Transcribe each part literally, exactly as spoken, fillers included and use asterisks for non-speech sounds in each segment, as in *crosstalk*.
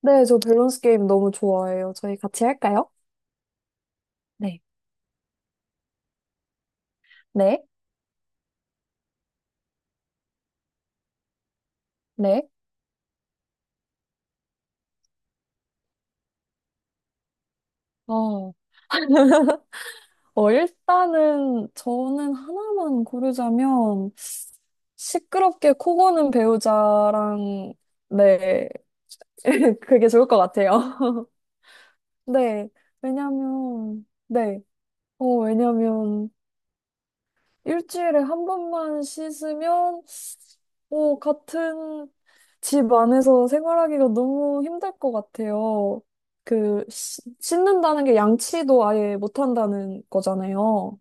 네, 저 밸런스 게임 너무 좋아해요. 저희 같이 할까요? 네. 네, 네. 어, *laughs* 어, 일단은 저는 하나만 고르자면 시끄럽게 코 고는 배우자랑 네, *laughs* 그게 좋을 것 같아요. *laughs* 네, 왜냐면 네, 어, 왜냐면 일주일에 한 번만 씻으면, 오, 같은 집 안에서 생활하기가 너무 힘들 것 같아요. 그, 씻- 씻는다는 게 양치도 아예 못한다는 거잖아요.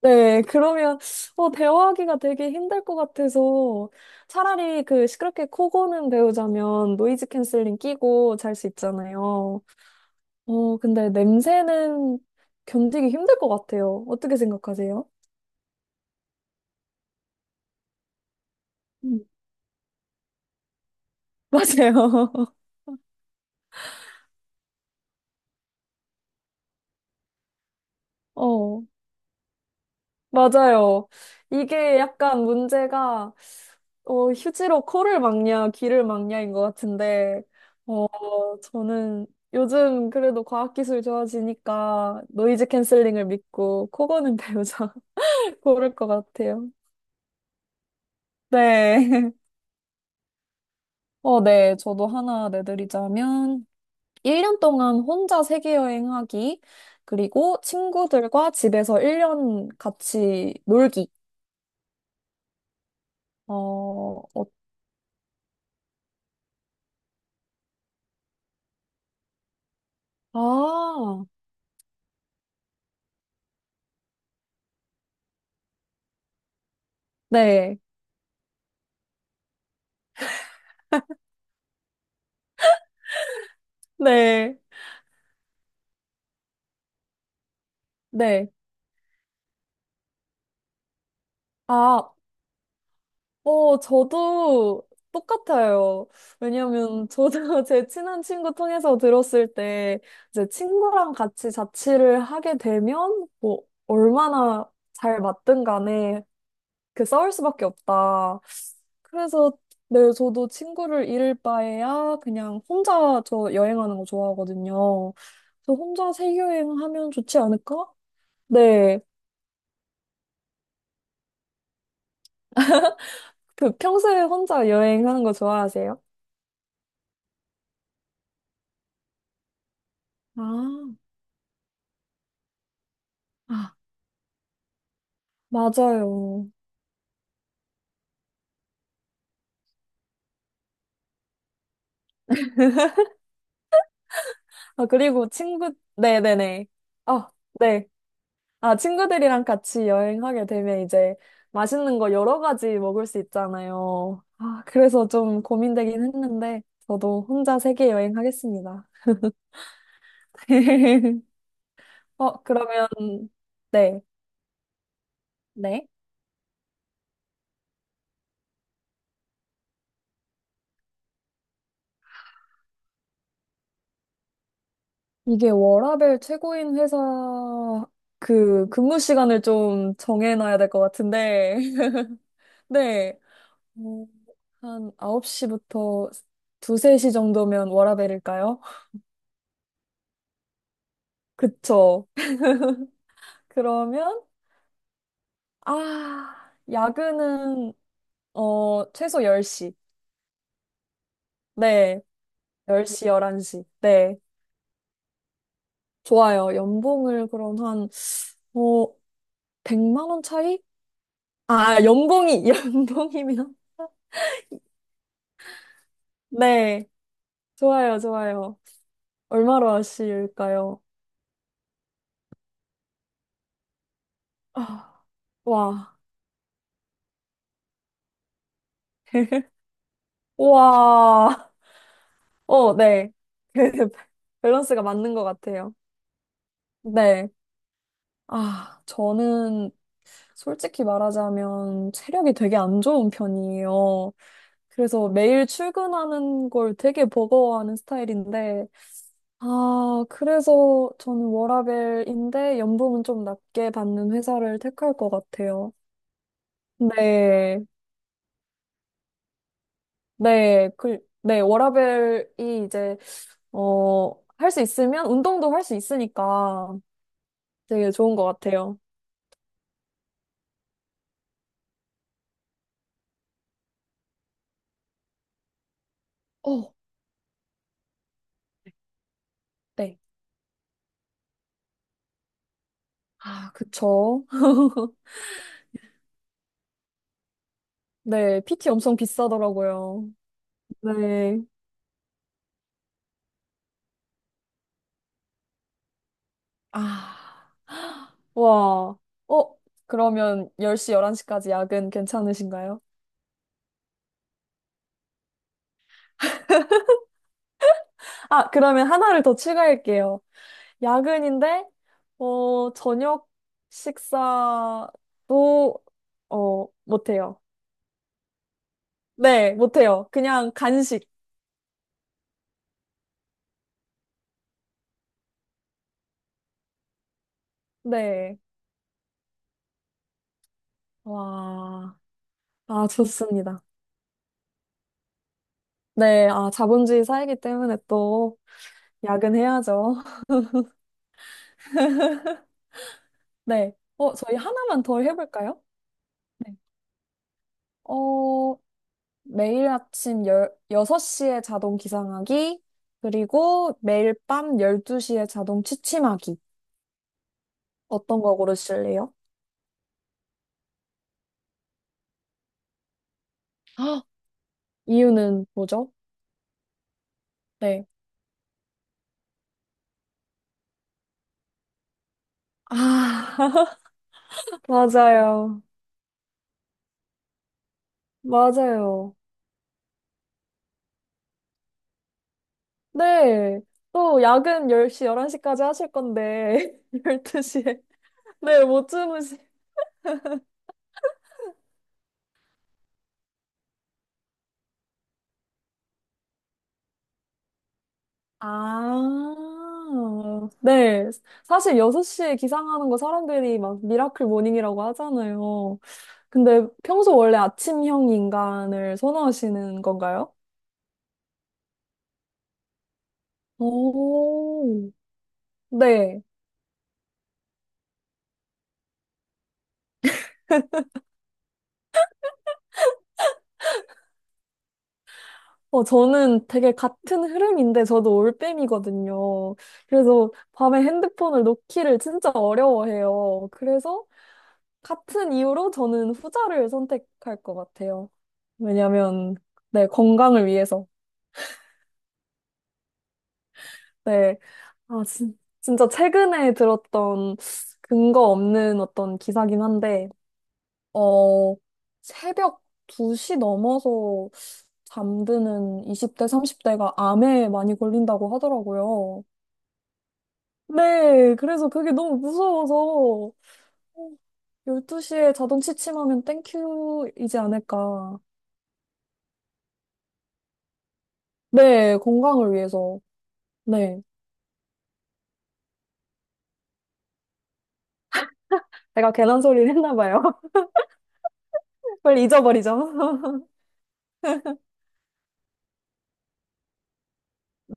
네, 그러면, 어, 대화하기가 되게 힘들 것 같아서 차라리 그 시끄럽게 코 고는 배우자면 노이즈 캔슬링 끼고 잘 수 있잖아요. 어, 근데 냄새는 견디기 힘들 것 같아요. 어떻게 생각하세요? 음. *laughs* 맞아요. 어, 맞아요. 이게 약간 문제가, 어, 휴지로 코를 막냐, 귀를 막냐인 것 같은데, 어, 저는 요즘 그래도 과학기술 좋아지니까 노이즈 캔슬링을 믿고 코 고는 배우자 *laughs* 고를 것 같아요. 네. *laughs* 어, 네. 저도 하나 내드리자면, 일 년 동안 혼자 세계 여행하기, 그리고 친구들과 집에서 일 년 같이 놀기. 어, 어, 아, 네, 네, 네. 아, 어, 저도 똑같아요. 왜냐면 저도 *laughs* 제 친한 친구 통해서 들었을 때, 이제 친구랑 같이 자취를 하게 되면, 뭐, 얼마나 잘 맞든 간에 그 싸울 수밖에 없다. 그래서, 네, 저도 친구를 잃을 바에야 그냥 혼자 저 여행하는 거 좋아하거든요. 저 혼자 세계여행하면 좋지 않을까? 네. 그 평소에 혼자 여행하는 거 좋아하세요? 아, 아, 맞아요. 아, 그리고 친구, 네네네. 아, 네. 아, 친구들이랑 같이 여행하게 되면 이제 맛있는 거 여러 가지 먹을 수 있잖아요. 아, 그래서 좀 고민되긴 했는데, 저도 혼자 세계 여행하겠습니다. *laughs* 어, 그러면, 네. 네. 이게 워라밸 최고인 회사 그 근무 시간을 좀 정해놔야 될 것 같은데. 네. 어, 한 아홉 시부터 두, 세 시 정도면 워라밸일까요? 그쵸. 그러면, 아, 야근은, 어, 최소 열 시. 네. 열 시, 열한 시. 네. 좋아요. 연봉을 그럼 한, 어, 백만 원 차이? 아, 연봉이, *laughs* 연봉이면? 네. 좋아요, 좋아요. 얼마로 하실까요? 아, 와. *laughs* 와. 어, 네. 그 *laughs* 밸런스가 맞는 것 같아요. 네. 아, 저는 솔직히 말하자면 체력이 되게 안 좋은 편이에요. 그래서 매일 출근하는 걸 되게 버거워하는 스타일인데, 아, 그래서 저는 워라밸인데 연봉은 좀 낮게 받는 회사를 택할 것 같아요. 네, 네, 그, 네, 워라밸이 이제, 어, 할 수 있으면 운동도 할 수 있으니까 되게 좋은 것 같아요. 어, 네. 아, 그쵸. *laughs* 네, 피티 엄청 비싸더라고요. 네. 아, 와. 어, 그러면 열 시, 열한 시까지 야근 괜찮으신가요? 아, 그러면 하나를 더 추가할게요. 야근인데, 어, 저녁 식사도, 어, 못해요. 네, 못해요. 그냥 간식. 네. 와. 아, 좋습니다. 네, 아, 자본주의 사회이기 때문에 또 야근해야죠. 네. 어, 저희 하나만 더 해볼까요? 네. 어, 매일 아침 열, 여섯 시에 자동 기상하기, 그리고 매일 밤 열두 시에 자동 취침하기. 어떤 거 고르실래요? *gasps* 아, 이유는 뭐죠? 네. 아, *laughs* 맞아요. 맞아요. 네. 또 야근 열 시, 열한 시까지 하실 건데, *laughs* 열두 시에. 네, 못 주무시. 아, 네. 사실 여섯 시에 기상하는 거 사람들이 막 미라클 모닝이라고 하잖아요. 근데 평소 원래 아침형 인간을 선호하시는 건가요? 오, 네. 어, 저는 되게 같은 흐름인데 저도 올빼미거든요. 그래서 밤에 핸드폰을 놓기를 진짜 어려워해요. 그래서 같은 이유로 저는 후자를 선택할 것 같아요. 왜냐면, 네, 건강을 위해서. 네. 아, 진, 진짜 최근에 들었던 근거 없는 어떤 기사긴 한데, 어, 새벽 두 시 넘어서 잠드는 이십 대, 삼십 대가 암에 많이 걸린다고 하더라고요. 네, 그래서 그게 너무 무서워서 열두 시에 자동 취침하면 땡큐이지 않을까. 네, 건강을 위해서. 네. 제가 괜한 소리를 했나 봐요. *laughs* 빨리 잊어버리죠.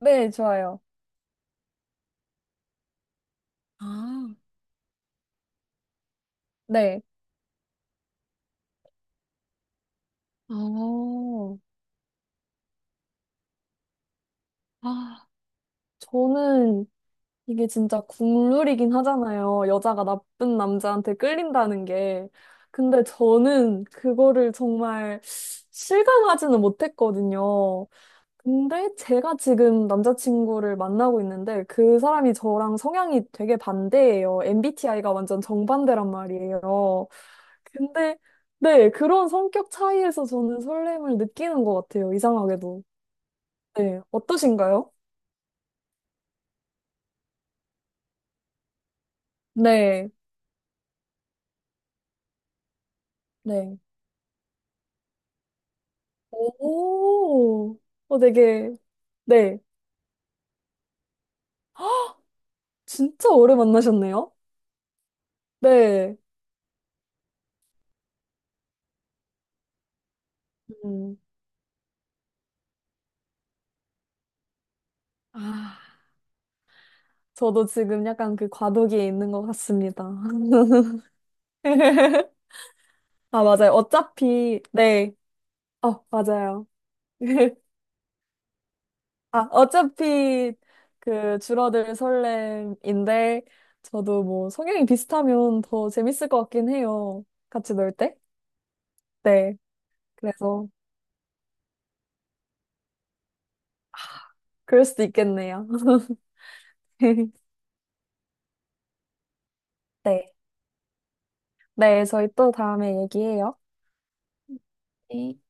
*laughs* 네, 좋아요. 아, 네. 아, 아, 저는 이게 진짜 국룰이긴 하잖아요. 여자가 나쁜 남자한테 끌린다는 게. 근데 저는 그거를 정말 실감하지는 못했거든요. 근데 제가 지금 남자친구를 만나고 있는데 그 사람이 저랑 성향이 되게 반대예요. 엠비티아이가 완전 정반대란 말이에요. 근데 네, 그런 성격 차이에서 저는 설렘을 느끼는 것 같아요. 이상하게도. 네, 어떠신가요? 네, 네. 오, 어, 되게, 네. *gasps* 진짜 오래 만나셨네요? 네. 음. 아, 저도 지금 약간 그 과도기에 있는 것 같습니다. *laughs* 아, 맞아요. 어차피, 네. 어, 맞아요. *laughs* 아, 어차피 그 줄어들 설렘인데, 저도 뭐 성향이 비슷하면 더 재밌을 것 같긴 해요. 같이 놀 때? 네. 그래서, 그럴 수도 있겠네요. *laughs* 네. 네, 저희 또 다음에 얘기해요. 네.